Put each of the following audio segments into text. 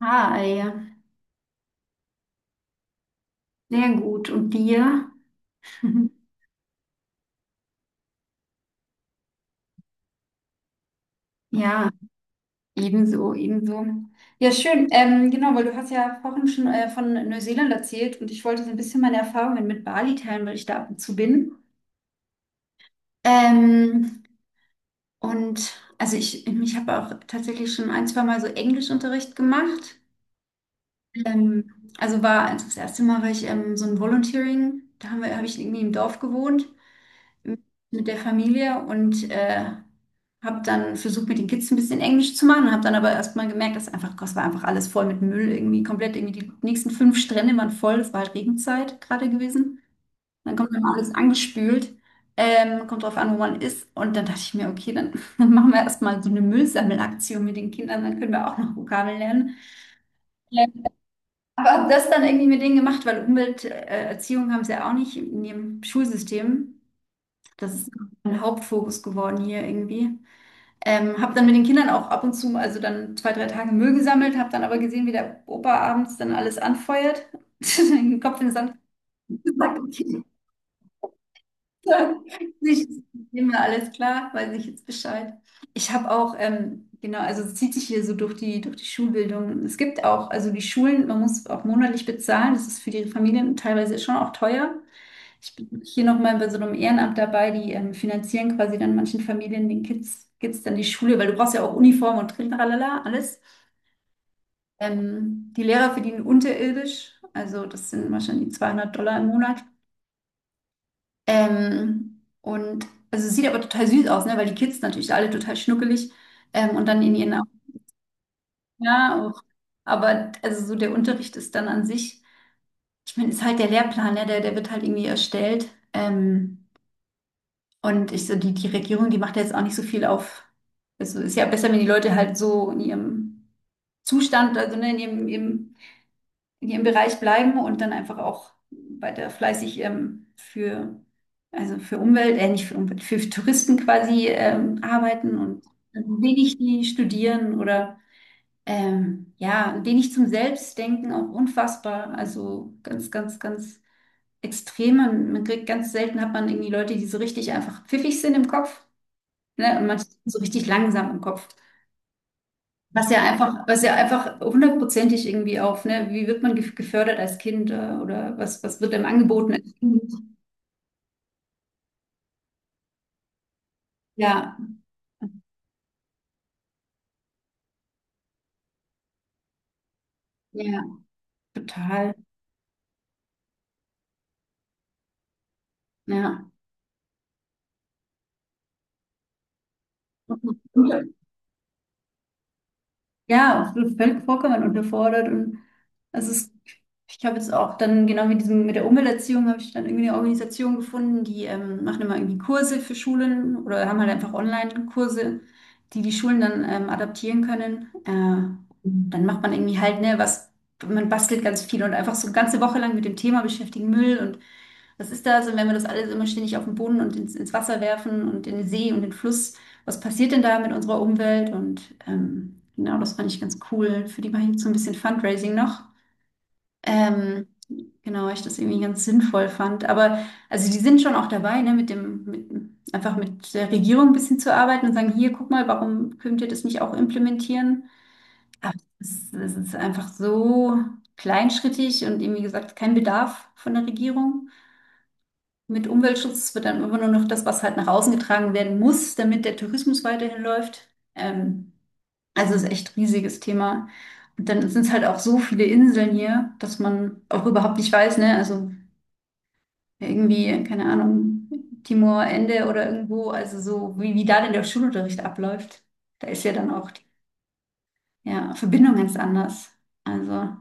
Ah, ja, sehr gut. Und dir? Ja, ebenso, ebenso. Ja, schön. Genau, weil du hast ja vorhin schon von Neuseeland erzählt und ich wollte so ein bisschen meine Erfahrungen mit Bali teilen, weil ich da ab und zu bin. Ähm, und also ich habe auch tatsächlich schon ein, zwei Mal so Englischunterricht gemacht. Also das erste Mal war ich so ein Volunteering, da habe ich irgendwie im Dorf gewohnt mit der Familie und habe dann versucht, mit den Kids ein bisschen Englisch zu machen und habe dann aber erstmal gemerkt, dass einfach, das war einfach alles voll mit Müll, irgendwie komplett, irgendwie die nächsten fünf Strände waren voll, es war halt Regenzeit gerade gewesen. Dann kommt immer alles angespült, kommt drauf an, wo man ist, und dann dachte ich mir, okay, dann, dann machen wir erstmal so eine Müllsammelaktion mit den Kindern, dann können wir auch noch Vokabeln lernen. Ja. Aber habe das dann irgendwie mit denen gemacht, weil Umwelterziehung Erziehung haben sie ja auch nicht in ihrem Schulsystem. Das ist mein Hauptfokus geworden hier irgendwie. Habe dann mit den Kindern auch ab und zu, also dann zwei, drei Tage Müll gesammelt, habe dann aber gesehen, wie der Opa abends dann alles anfeuert, den Kopf in den Sand gesteckt. Ich nehme alles klar, weiß ich jetzt Bescheid. Ich habe auch, genau, also es zieht sich hier so durch die Schulbildung. Es gibt auch, also die Schulen, man muss auch monatlich bezahlen. Das ist für die Familien teilweise schon auch teuer. Ich bin hier nochmal bei so einem Ehrenamt dabei, die finanzieren quasi dann manchen Familien, den Kids dann die Schule, weil du brauchst ja auch Uniform und Trintralala, alles. Die Lehrer verdienen unterirdisch, also das sind wahrscheinlich 200 Dollar im Monat. Und also es sieht aber total süß aus, ne? Weil die Kids natürlich alle total schnuckelig und dann in ihren Augen. Ja, auch. Aber also so der Unterricht ist dann an sich, ich meine, ist halt der Lehrplan, ne? Der wird halt irgendwie erstellt. Und ich so, die Regierung, die macht ja jetzt auch nicht so viel auf. Also ist ja besser, wenn die Leute halt so in ihrem Zustand, also ne, in ihrem Bereich bleiben und dann einfach auch weiter fleißig für, also für Umwelt, nicht für Umwelt, für Touristen quasi arbeiten und ein wenig die studieren oder ja, ein wenig zum Selbstdenken, auch unfassbar. Also ganz, ganz, ganz extrem. Man kriegt ganz selten hat man irgendwie Leute, die so richtig einfach pfiffig sind im Kopf, ne? Und manche sind so richtig langsam im Kopf. Was ja einfach hundertprozentig irgendwie auf, ne? Wie wird man gefördert als Kind, oder was wird einem angeboten als Kind? Ja, ja, total. Ja. Und, ja, absolut völlig vollkommen unterfordert. Und also es, ich habe jetzt auch dann genau mit diesem, mit der Umwelterziehung habe ich dann irgendwie eine Organisation gefunden, die machen immer irgendwie Kurse für Schulen oder haben halt einfach Online-Kurse, die die Schulen dann adaptieren können. Dann macht man irgendwie halt, ne, was, man bastelt ganz viel und einfach so eine ganze Woche lang mit dem Thema beschäftigen, Müll und was ist das? Und wenn wir das alles immer ständig auf den Boden und ins Wasser werfen und in den See und den Fluss, was passiert denn da mit unserer Umwelt? Und genau, das fand ich ganz cool. Für die mache ich jetzt so ein bisschen Fundraising noch. Ähm, genau, weil ich das irgendwie ganz sinnvoll fand. Aber also die sind schon auch dabei, ne, mit dem, mit, einfach mit der Regierung ein bisschen zu arbeiten und sagen, hier, guck mal, warum könnt ihr das nicht auch implementieren? Aber es ist einfach so kleinschrittig und eben, wie gesagt, kein Bedarf von der Regierung. Mit Umweltschutz wird dann immer nur noch das, was halt nach außen getragen werden muss, damit der Tourismus weiterhin läuft. Ähm, also es ist echt ein riesiges Thema. Und dann sind es halt auch so viele Inseln hier, dass man auch überhaupt nicht weiß, ne? Also irgendwie, keine Ahnung, Timor, Ende oder irgendwo, also so, wie da denn der Schulunterricht abläuft. Da ist ja dann auch die, ja, Verbindung ganz anders. Also,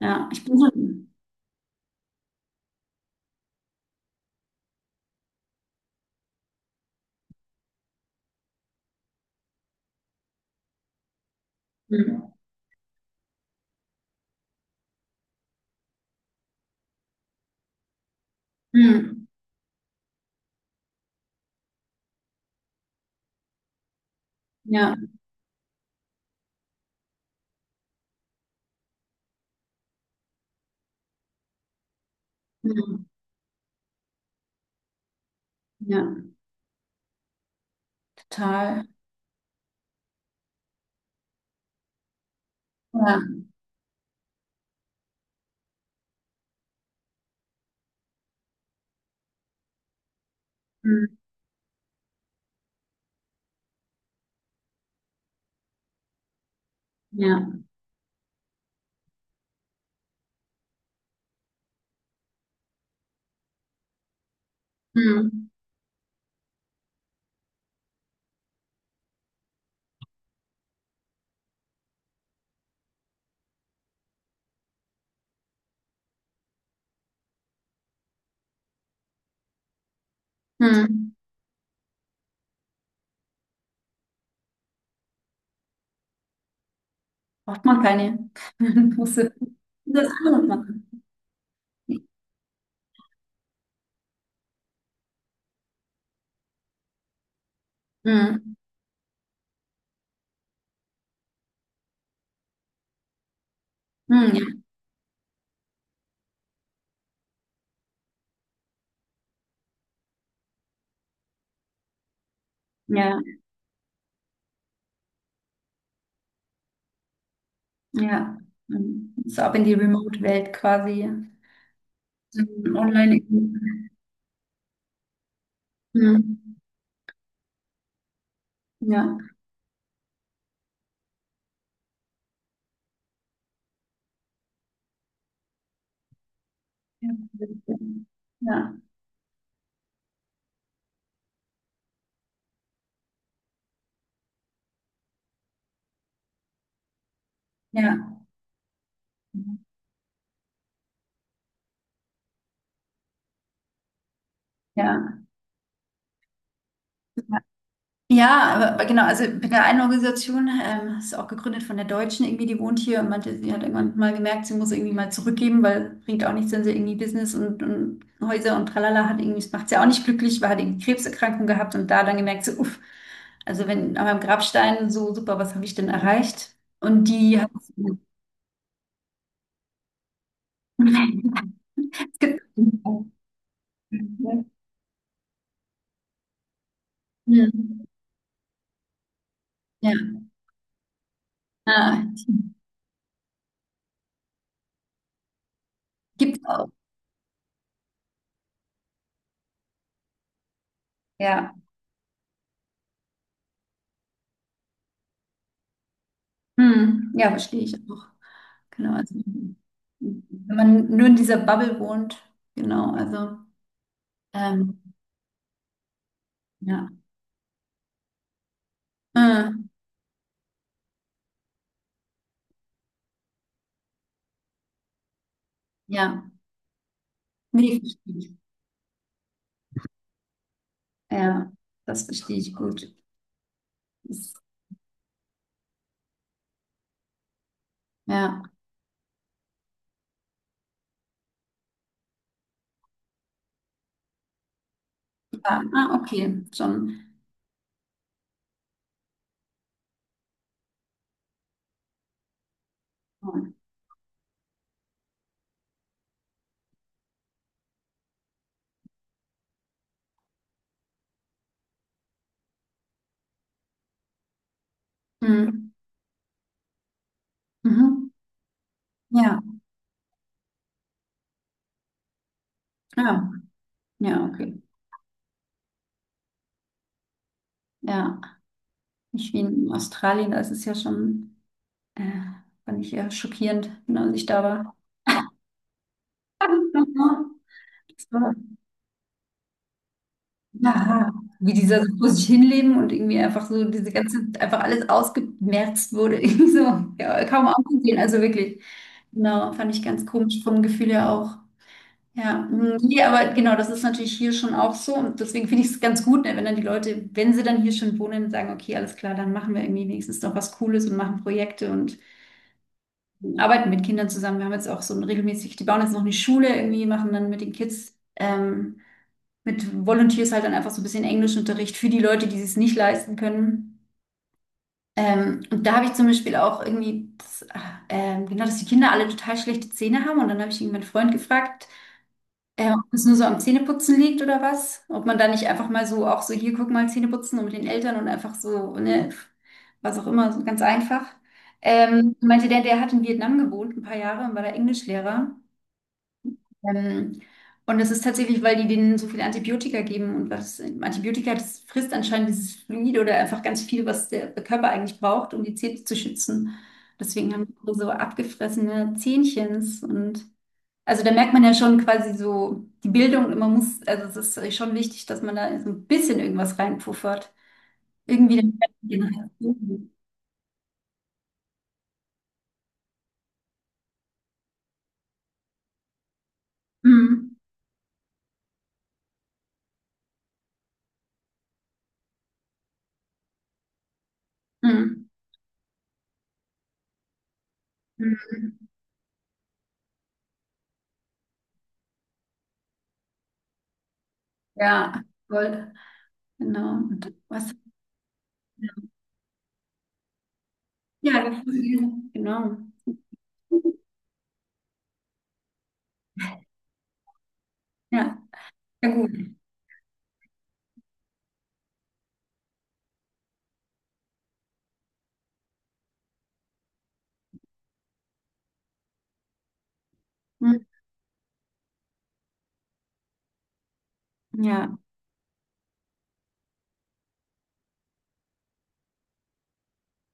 ja, ich bin so. Hm. Hm. Ja, hm. Ja, total. Ja, hm. Ja. Hm. Hm. Braucht man keine große. Das kann man machen. Hm. Hm. Ja. Ja, ja. Mhm. So ab in die Remote-Welt quasi. Mhm. Online. Mhm. Ja. Ja. Ja. Ja. Ja. Ja, aber genau, also bei der einen Organisation, ist auch gegründet von der Deutschen irgendwie, die wohnt hier und meinte, sie hat irgendwann mal gemerkt, sie muss irgendwie mal zurückgeben, weil bringt auch nichts, wenn sie irgendwie Business und Häuser und tralala hat, irgendwie, das macht sie auch nicht glücklich, weil hat irgendwie Krebserkrankung gehabt und da dann gemerkt, so, uff, also wenn an meinem Grabstein so super, was habe ich denn erreicht? Und die hat Ja. Ja. Ah, gibt's auch. Ja. Hm. Ja, verstehe ich auch. Genau, also wenn man nur in dieser Bubble wohnt, genau, also ähm, ja. Äh, ja, nee, verstehe ich. Ja, das verstehe ich gut. Ist, ja, ja, ah, okay, schon. Mhm. Mhm. Ja, ja, ja, okay. Ja, nicht wie in Australien, da ist es ja schon, äh, fand ich ja schockierend, ne, als ich da war. Das war aha. Wie dieser so vor sich hinleben und irgendwie einfach so diese ganze, einfach alles ausgemerzt wurde, irgendwie so, ja, kaum aufzusehen, also wirklich. Genau, fand ich ganz komisch vom Gefühl her auch. Ja, mm, nee, aber genau, das ist natürlich hier schon auch so und deswegen finde ich es ganz gut, ne, wenn dann die Leute, wenn sie dann hier schon wohnen, sagen, okay, alles klar, dann machen wir irgendwie wenigstens noch was Cooles und machen Projekte und arbeiten mit Kindern zusammen. Wir haben jetzt auch so ein regelmäßig, die bauen jetzt noch eine Schule irgendwie, machen dann mit den Kids. Mit Volunteers halt dann einfach so ein bisschen Englischunterricht für die Leute, die es nicht leisten können. Und da habe ich zum Beispiel auch irgendwie, das, genau, dass die Kinder alle total schlechte Zähne haben. Und dann habe ich irgendwann einen Freund gefragt, ob es nur so am Zähneputzen liegt oder was. Ob man da nicht einfach mal so, auch so hier, guck mal, Zähneputzen und mit den Eltern und einfach so, ne, was auch immer, so ganz einfach. Meinte der, der hat in Vietnam gewohnt, ein paar Jahre und war da Englischlehrer. Ähm, und das ist tatsächlich, weil die denen so viele Antibiotika geben und was Antibiotika, das frisst anscheinend dieses Fluid oder einfach ganz viel, was der Körper eigentlich braucht, um die Zähne zu schützen. Deswegen haben die so abgefressene Zähnchens und also da merkt man ja schon quasi so die Bildung, man muss, also es ist schon wichtig, dass man da so ein bisschen irgendwas reinpuffert. Irgendwie dann Generation. Mhm. Mhm. Mhm. Ja, voll. Genau. Und was? Ja, das ist, genau. Ja, ja gut. Hm, ja,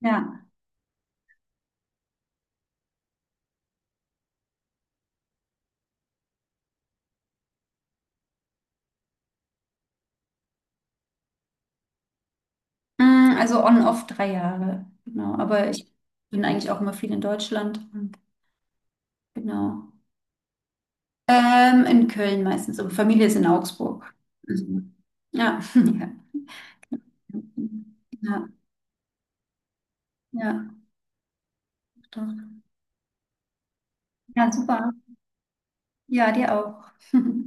ja. Hm, also on-off drei Jahre. Genau. Aber ich bin eigentlich auch immer viel in Deutschland. Und genau. In Köln meistens. Aber Familie ist in Augsburg. Also, ja, ja. Ja, ja, doch. Ja, super. Ja, dir auch.